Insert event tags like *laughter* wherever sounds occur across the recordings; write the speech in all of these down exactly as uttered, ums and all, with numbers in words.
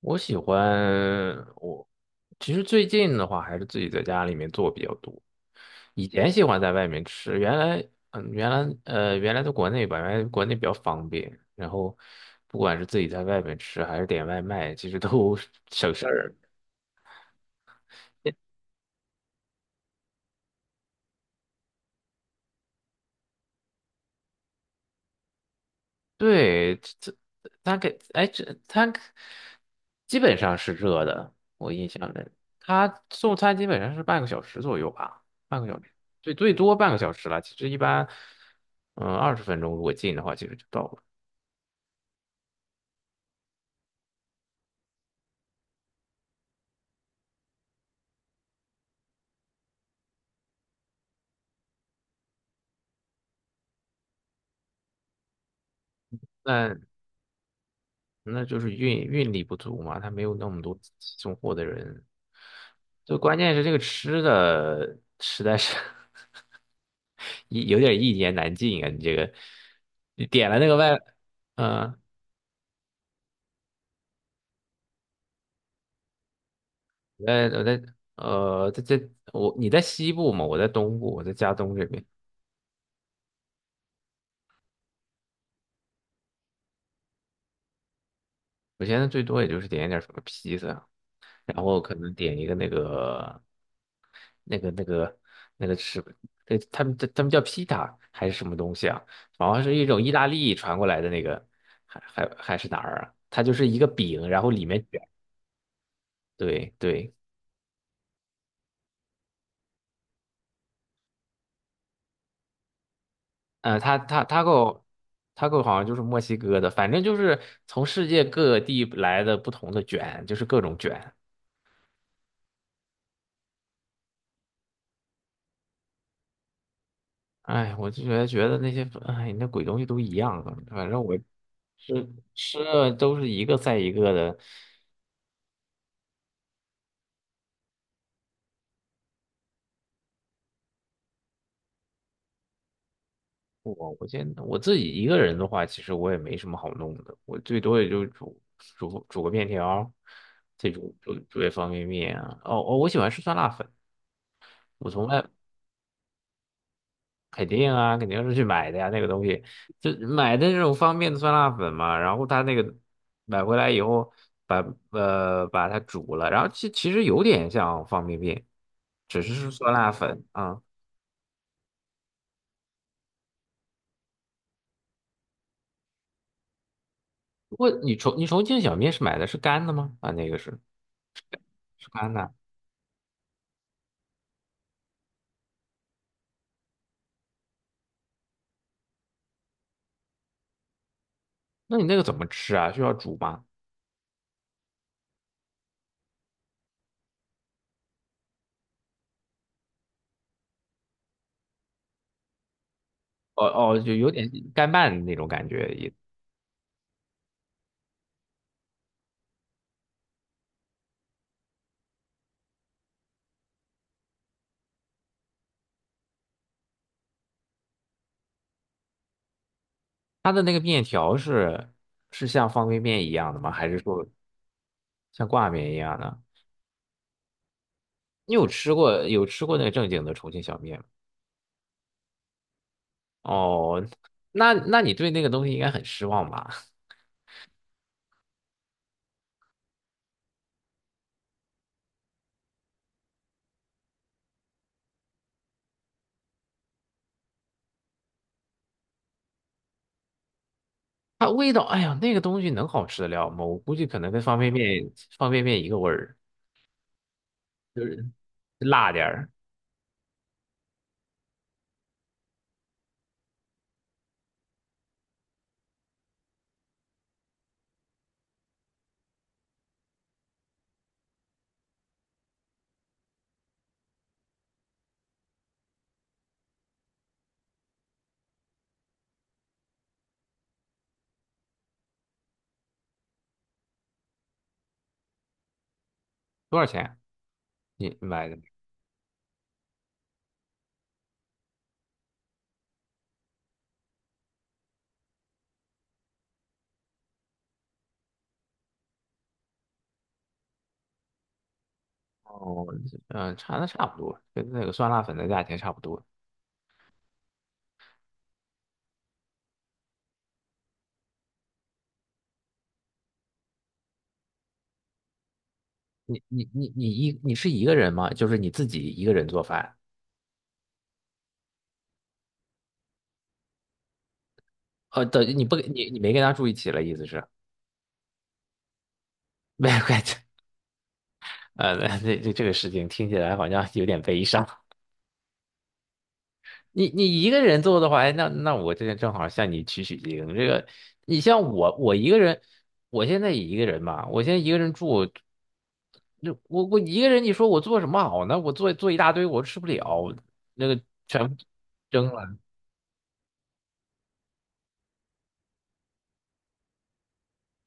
我喜欢我，其实最近的话还是自己在家里面做比较多。以前喜欢在外面吃，原来嗯，原来呃，原来在国内吧，原来国内比较方便，然后不管是自己在外面吃还是点外卖，其实都 *laughs* 省事儿。对，这这它给，哎，这他基本上是热的，我印象里，他送餐基本上是半个小时左右吧，半个小时，最最多半个小时了。其实一般，嗯，二十分钟如果近的话，其实就到了。但那就是运运力不足嘛，他没有那么多送货的人。就关键是这个吃的实在是 *laughs* 一有点一言难尽啊！你这个，你点了那个外，嗯、我在我在呃，在在我你在西部嘛，我在东部，我在加东这边。我现在最多也就是点一点什么披萨啊，然后可能点一个那个那个那个那个吃，对，他们他们叫披萨还是什么东西啊？好像是一种意大利传过来的那个，还还还是哪儿啊？它就是一个饼，然后里面卷，对对，嗯，他他 taco t a 好像就是墨西哥的，反正就是从世界各地来的不同的卷，就是各种卷。哎，我就觉得觉得那些，哎，那鬼东西都一样啊，反正我吃吃的都是一个赛一个的。我我现在我自己一个人的话，其实我也没什么好弄的，我最多也就煮煮煮个面条，再煮煮煮点方便面啊。哦哦，我喜欢吃酸辣粉，我从来肯定啊，肯定是去买的呀，那个东西就买的那种方便的酸辣粉嘛，然后他那个买回来以后把呃把它煮了，然后其其实有点像方便面，只是是酸辣粉啊。不过你重你重庆小面是买的是干的吗？啊，那个是是干的，那你那个怎么吃啊？需要煮吗？哦哦，就有点干拌的那种感觉。也，它的那个面条是是像方便面一样的吗？还是说像挂面一样的？你有吃过有吃过那个正经的重庆小面吗？哦，那那你对那个东西应该很失望吧？*laughs* 它味道，哎呀，那个东西能好吃得了吗？我估计可能跟方便面方便面一个味儿，就是辣点儿。多少钱啊？你你买的？哦，嗯、差那差不多，跟那个酸辣粉的价钱差不多。你你你你一你是一个人吗？就是你自己一个人做饭？呃，等你不你你没跟他住一起了，意思是？*laughs* 没有关系。呃，那这这个事情听起来好像有点悲伤。你你一个人做的话，哎那那我这正好向你取取经。这个，你像我，我一个人，我现在也一个人嘛，我现在一个人住，那我我一个人，你说我做什么好呢？我做做一大堆，我吃不了，那个全部扔了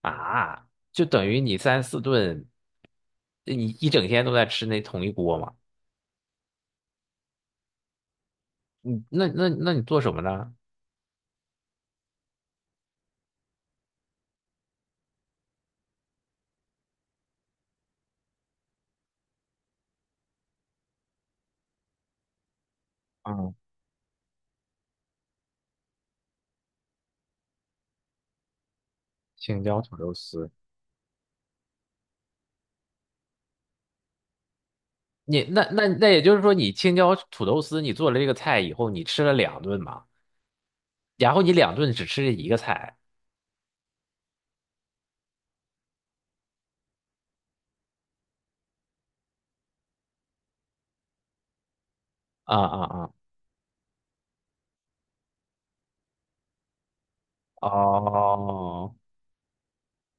啊，就等于你三四顿，你一整天都在吃那同一锅嘛。你那那那你做什么呢？嗯，青椒土豆丝。你那那那也就是说，你青椒土豆丝，你做了这个菜以后，你吃了两顿嘛，然后你两顿只吃这一个菜，啊啊啊，哦，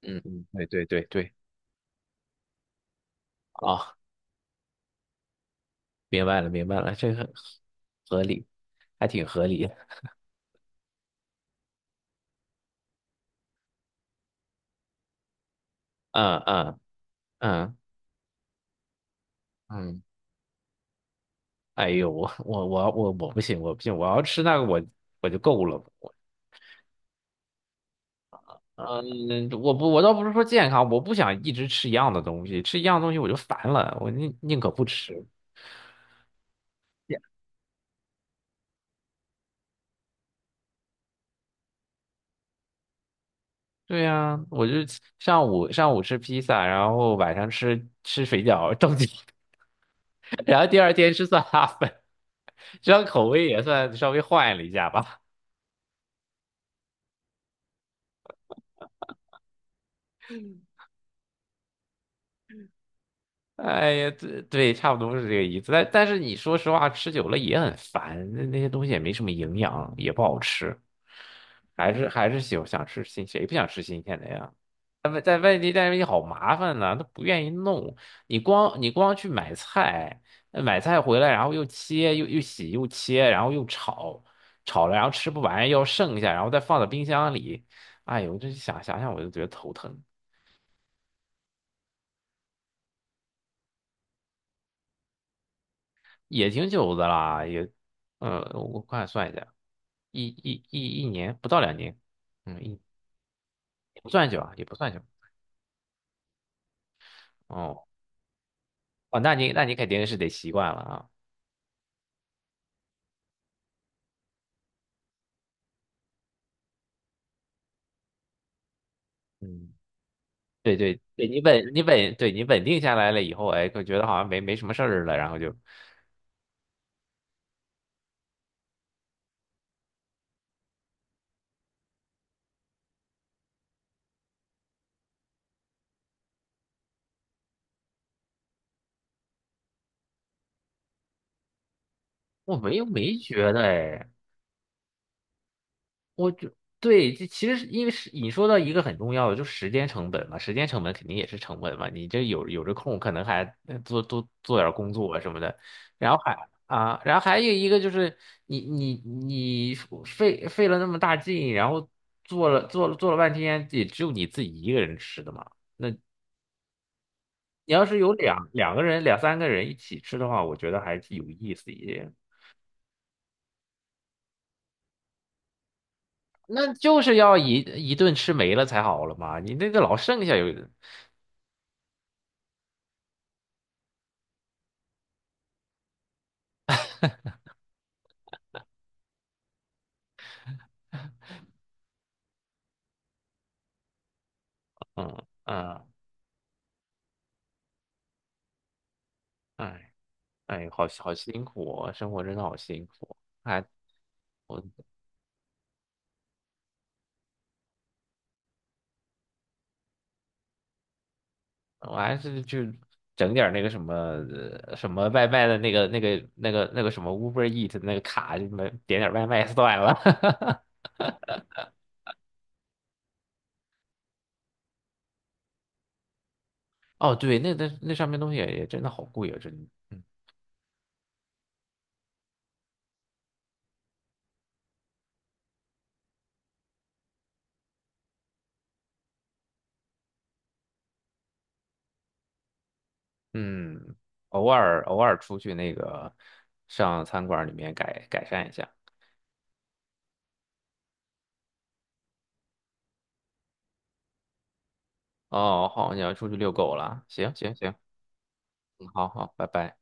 嗯嗯，对对对对，啊，明白了明白了，这个合理，还挺合理，嗯嗯嗯嗯，哎呦，我我我我我不行，我不行，我要吃那个我我就够了，我嗯，我不我倒不是说健康，我不想一直吃一样的东西，吃一样东西我就烦了，我宁宁可不吃。对呀、我就上午上午吃披萨，然后晚上吃吃水饺，*laughs* 正经，*laughs* 然后第二天吃酸辣粉，这样口味也算稍微换了一下吧。哎呀，对对，差不多是这个意思。但但是你说实话，吃久了也很烦，那那些东西也没什么营养，也不好吃。还是还是喜欢想吃新，谁不想吃新鲜的呀？但外在外地着你好麻烦呢，他不愿意弄。你光你光去买菜，呃买菜回来，然后又切又又洗又切，然后又炒，炒了然后吃不完要剩下，然后再放到冰箱里。哎呦，这想想想我就觉得头疼，也挺久的啦，也，嗯，我快算一下，一一一一年不到两年，嗯，一也不算久啊，也不算久。哦哦，那你那你肯定是得习惯了啊。嗯。对对对，你稳你稳，对你稳定下来了以后，哎，就觉得好像没没什么事儿了，然后就我没有没觉得哎，我就对，这其实是因为是你说到一个很重要的，就时间成本嘛，时间成本肯定也是成本嘛，你这有有这空，可能还呃做多做点儿工作啊什么的，然后还啊，然后还有一个就是你你你费费了那么大劲，然后做了做了做了半天，也只有你自己一个人吃的嘛。那。你要是有两两个人、两三个人一起吃的话，我觉得还是有意思一点。那就是要一一顿吃没了才好了嘛，你那个老剩下有，嗯嗯，哎哎，好好辛苦哦，生活真的好辛苦。还我我还是去整点儿那个什么呃什么外卖的那个那个那个那个什么 Uber Eat 那个卡，就么点点儿外卖算了。*laughs* 哦，对，那那那上面东西也也真的好贵啊，真的。嗯嗯，偶尔偶尔出去那个上餐馆里面改改善一下。哦，好，你要出去遛狗了，行行行，嗯，好好，拜拜。